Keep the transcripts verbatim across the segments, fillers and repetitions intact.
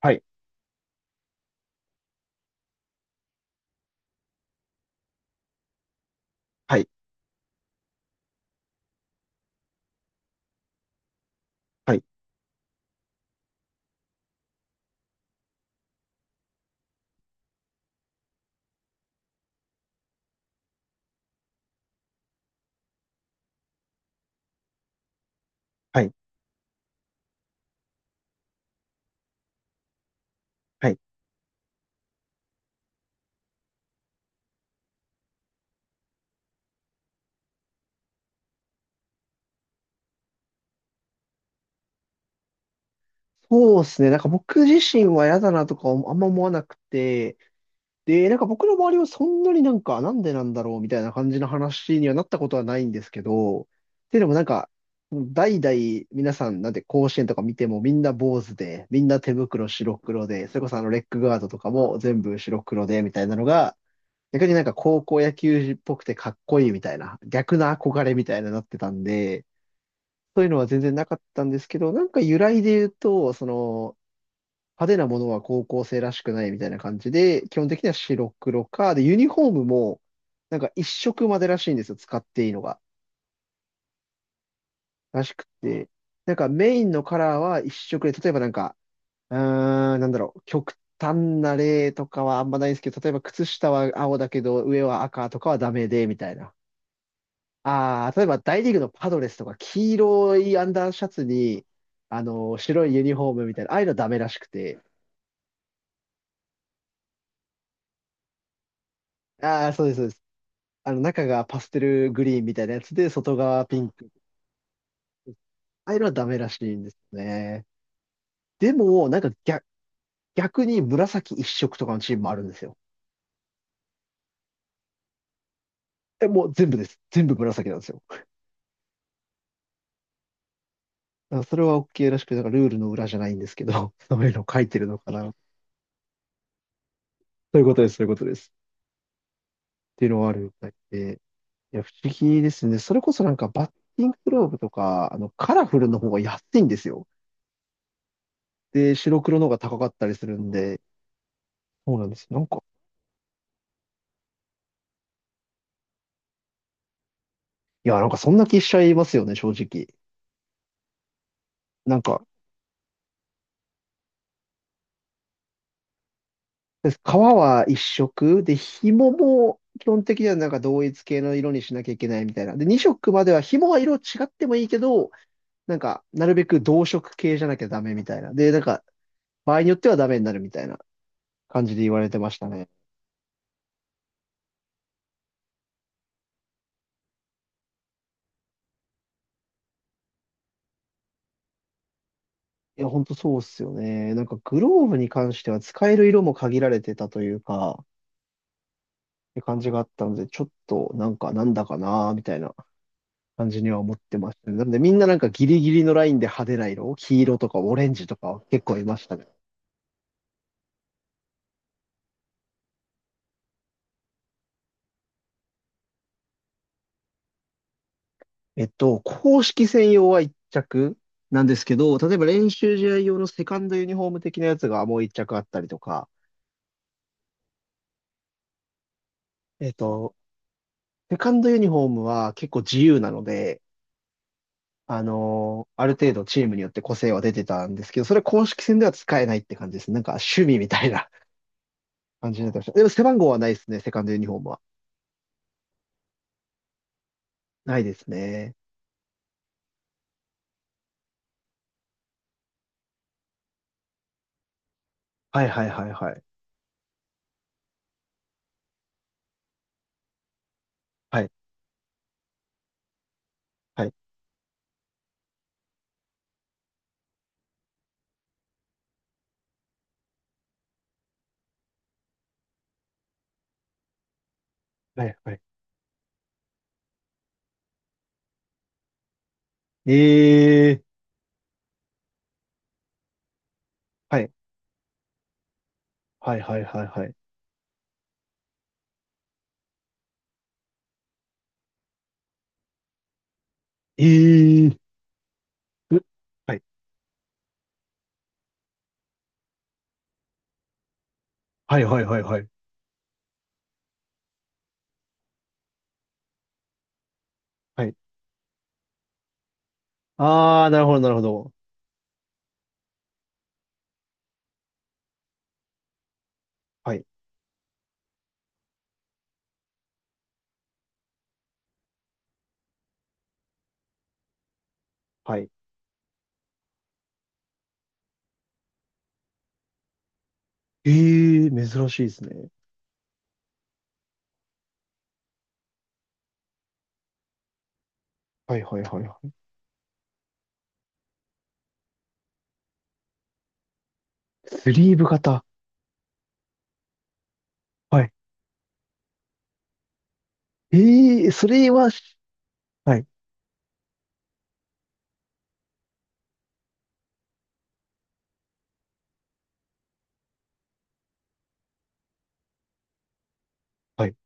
はい、はい、はい、はい、はい。そうですね。なんか僕自身は嫌だなとかあんま思わなくて、で、なんか僕の周りはそんなになんか、なんでなんだろうみたいな感じの話にはなったことはないんですけど、っていうのもなんか、代々皆さんなんで甲子園とか見てもみんな坊主で、みんな手袋白黒で、それこそあのレッグガードとかも全部白黒でみたいなのが、逆になんか高校野球児っぽくてかっこいいみたいな、逆な憧れみたいななってたんで、そういうのは全然なかったんですけど、なんか由来で言うと、その、派手なものは高校生らしくないみたいな感じで、基本的には白黒か、で、ユニフォームも、なんか一色までらしいんですよ、使っていいのが。らしくて。なんかメインのカラーは一色で、例えばなんか、うーん、なんだろう、極端な例とかはあんまないんですけど、例えば靴下は青だけど、上は赤とかはダメで、みたいな。ああ、例えば大リーグのパドレスとか黄色いアンダーシャツに、あの、白いユニフォームみたいな、ああいうのダメらしくて。ああ、そうです、そうです。あの、中がパステルグリーンみたいなやつで、外側ピンク。ああいうのはダメらしいんですね。でも、なんか逆、逆に紫一色とかのチームもあるんですよ。え、もう全部です。全部紫なんですよ。だからそれは OK らしくて、なんかルールの裏じゃないんですけど、そういうの書いてるのかな。そういうことです、そういうことです。っていうのはあるみたいで。いや、不思議ですね。それこそなんかバッティンググローブとか、あの、カラフルの方が安いんですよ。で、白黒の方が高かったりするんで、そうなんです。なんか、いや、なんかそんな気しちゃいますよね、正直。なんか、革は一色で、紐も基本的にはなんか同一系の色にしなきゃいけないみたいな。で、二色までは紐は色違ってもいいけど、なんか、なるべく同色系じゃなきゃダメみたいな。で、なんか、場合によってはダメになるみたいな感じで言われてましたね。いや、ほんとそうっすよね。なんかグローブに関しては使える色も限られてたというか、って感じがあったので、ちょっとなんかなんだかなーみたいな感じには思ってましたね。なんでみんななんかギリギリのラインで派手な色、黄色とかオレンジとか結構いましたね。えっと、公式専用はいっちゃく着なんですけど、例えば練習試合用のセカンドユニフォーム的なやつがもういっちゃく着あったりとか、えっと、セカンドユニフォームは結構自由なので、あのーある程度チームによって個性は出てたんですけど、それ公式戦では使えないって感じです。なんか趣味みたいな 感じになってました。でも背番号はないですね、セカンドユニフォームは。ないですね。はいはいはいはい。はい、はい、はい、はい。ええはい、はいはいはいはい。ええうはい、はいはいはいはい。はい。あー、なるほどなるほど。はい、はい。ええ珍しいですね。はいはいはいはい。スリーブ型。はい。ええそれはし、はい、はい。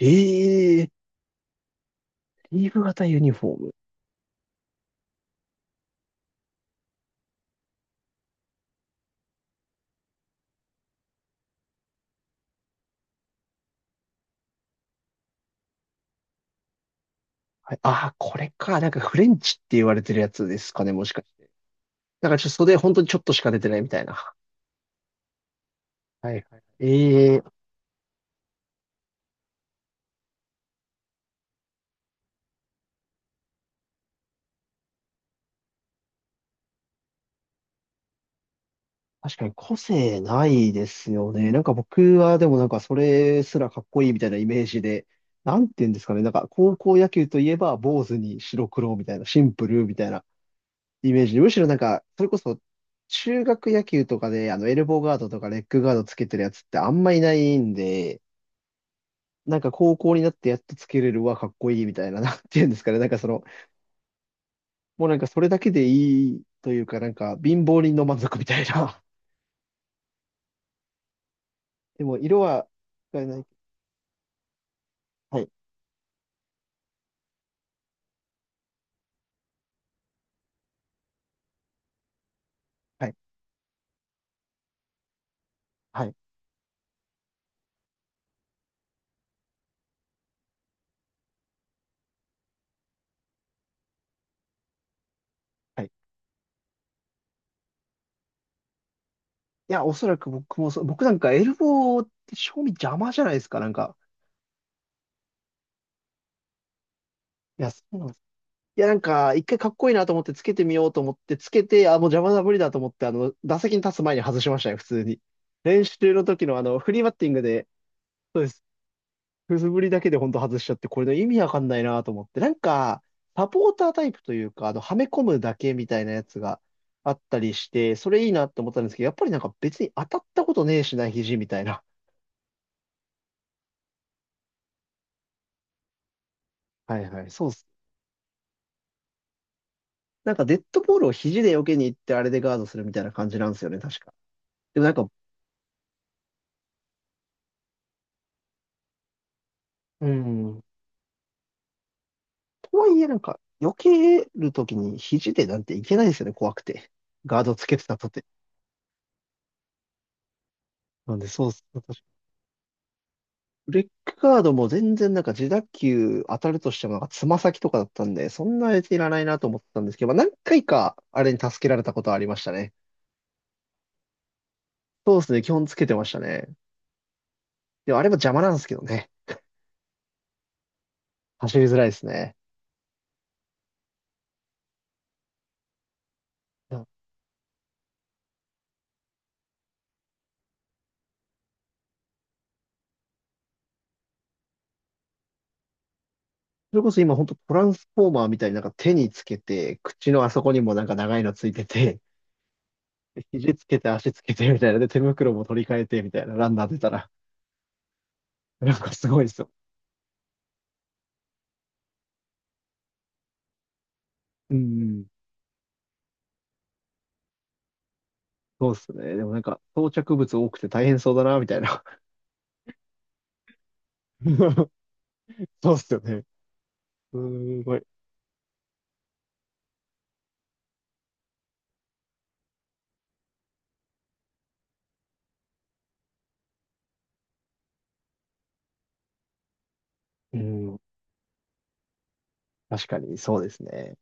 ええリーフ型ユニフォーム。はい、ああ、これか。なんかフレンチって言われてるやつですかね、もしかして。だからちょっと袖本当にちょっとしか出てないみたいな。はいはい。ええ確かに個性ないですよね。なんか僕はでもなんかそれすらかっこいいみたいなイメージで、なんて言うんですかね。なんか高校野球といえば坊主に白黒みたいな、シンプルみたいなイメージで、むしろなんか、それこそ中学野球とかであのエルボーガードとかレッグガードつけてるやつってあんまいないんで、なんか高校になってやっとつけれるわ、かっこいいみたいな、なんていうんですかね。なんかその、もうなんかそれだけでいいというか、なんか貧乏人の満足みたいな。でも色は使えない。はい、はい、はい、はい。いや、おそらく僕もそう、僕なんかエルボーって正味邪魔じゃないですか、なんか。いや、そうなんです。いや、なんか、一回かっこいいなと思ってつけてみようと思って、つけて、あ、もう邪魔だ無理だと思って、あの、打席に立つ前に外しましたよ、普通に。練習の時のあの、フリーバッティングで、くすぶりだけでほんと外しちゃって、これの意味わかんないなと思って。なんか、サポータータイプというか、あの、はめ込むだけみたいなやつがあったりして、それいいなって思ったんですけど、やっぱりなんか別に当たったことねえしな、肘みたいな。はいはい、そうっす。なんかデッドボールを肘で避けに行ってあれでガードするみたいな感じなんですよね、確か。でもなんか、うん、とはいえなんか、避けるときに肘でなんていけないですよね、怖くて。ガードつけてたとて。なんでそうっす。レックガードも全然なんか自打球当たるとしてもなんかつま先とかだったんで、そんなやついらないなと思ってたんですけど、まあ、何回かあれに助けられたことはありましたね。そうですね、基本つけてましたね。でもあれも邪魔なんですけどね。走りづらいですね。いや、それこそ今本当トランスフォーマーみたいになんか手につけて、口のあそこにもなんか長いのついてて、で肘つけて足つけてみたいな。で、手袋も取り替えてみたいな。ランナー出たら。なんかすごいですよ。うんうん。そうですね。でもなんか装着物多くて大変そうだな、みたいな。そうっすよね。すーごい。うん。確かに、そうですね。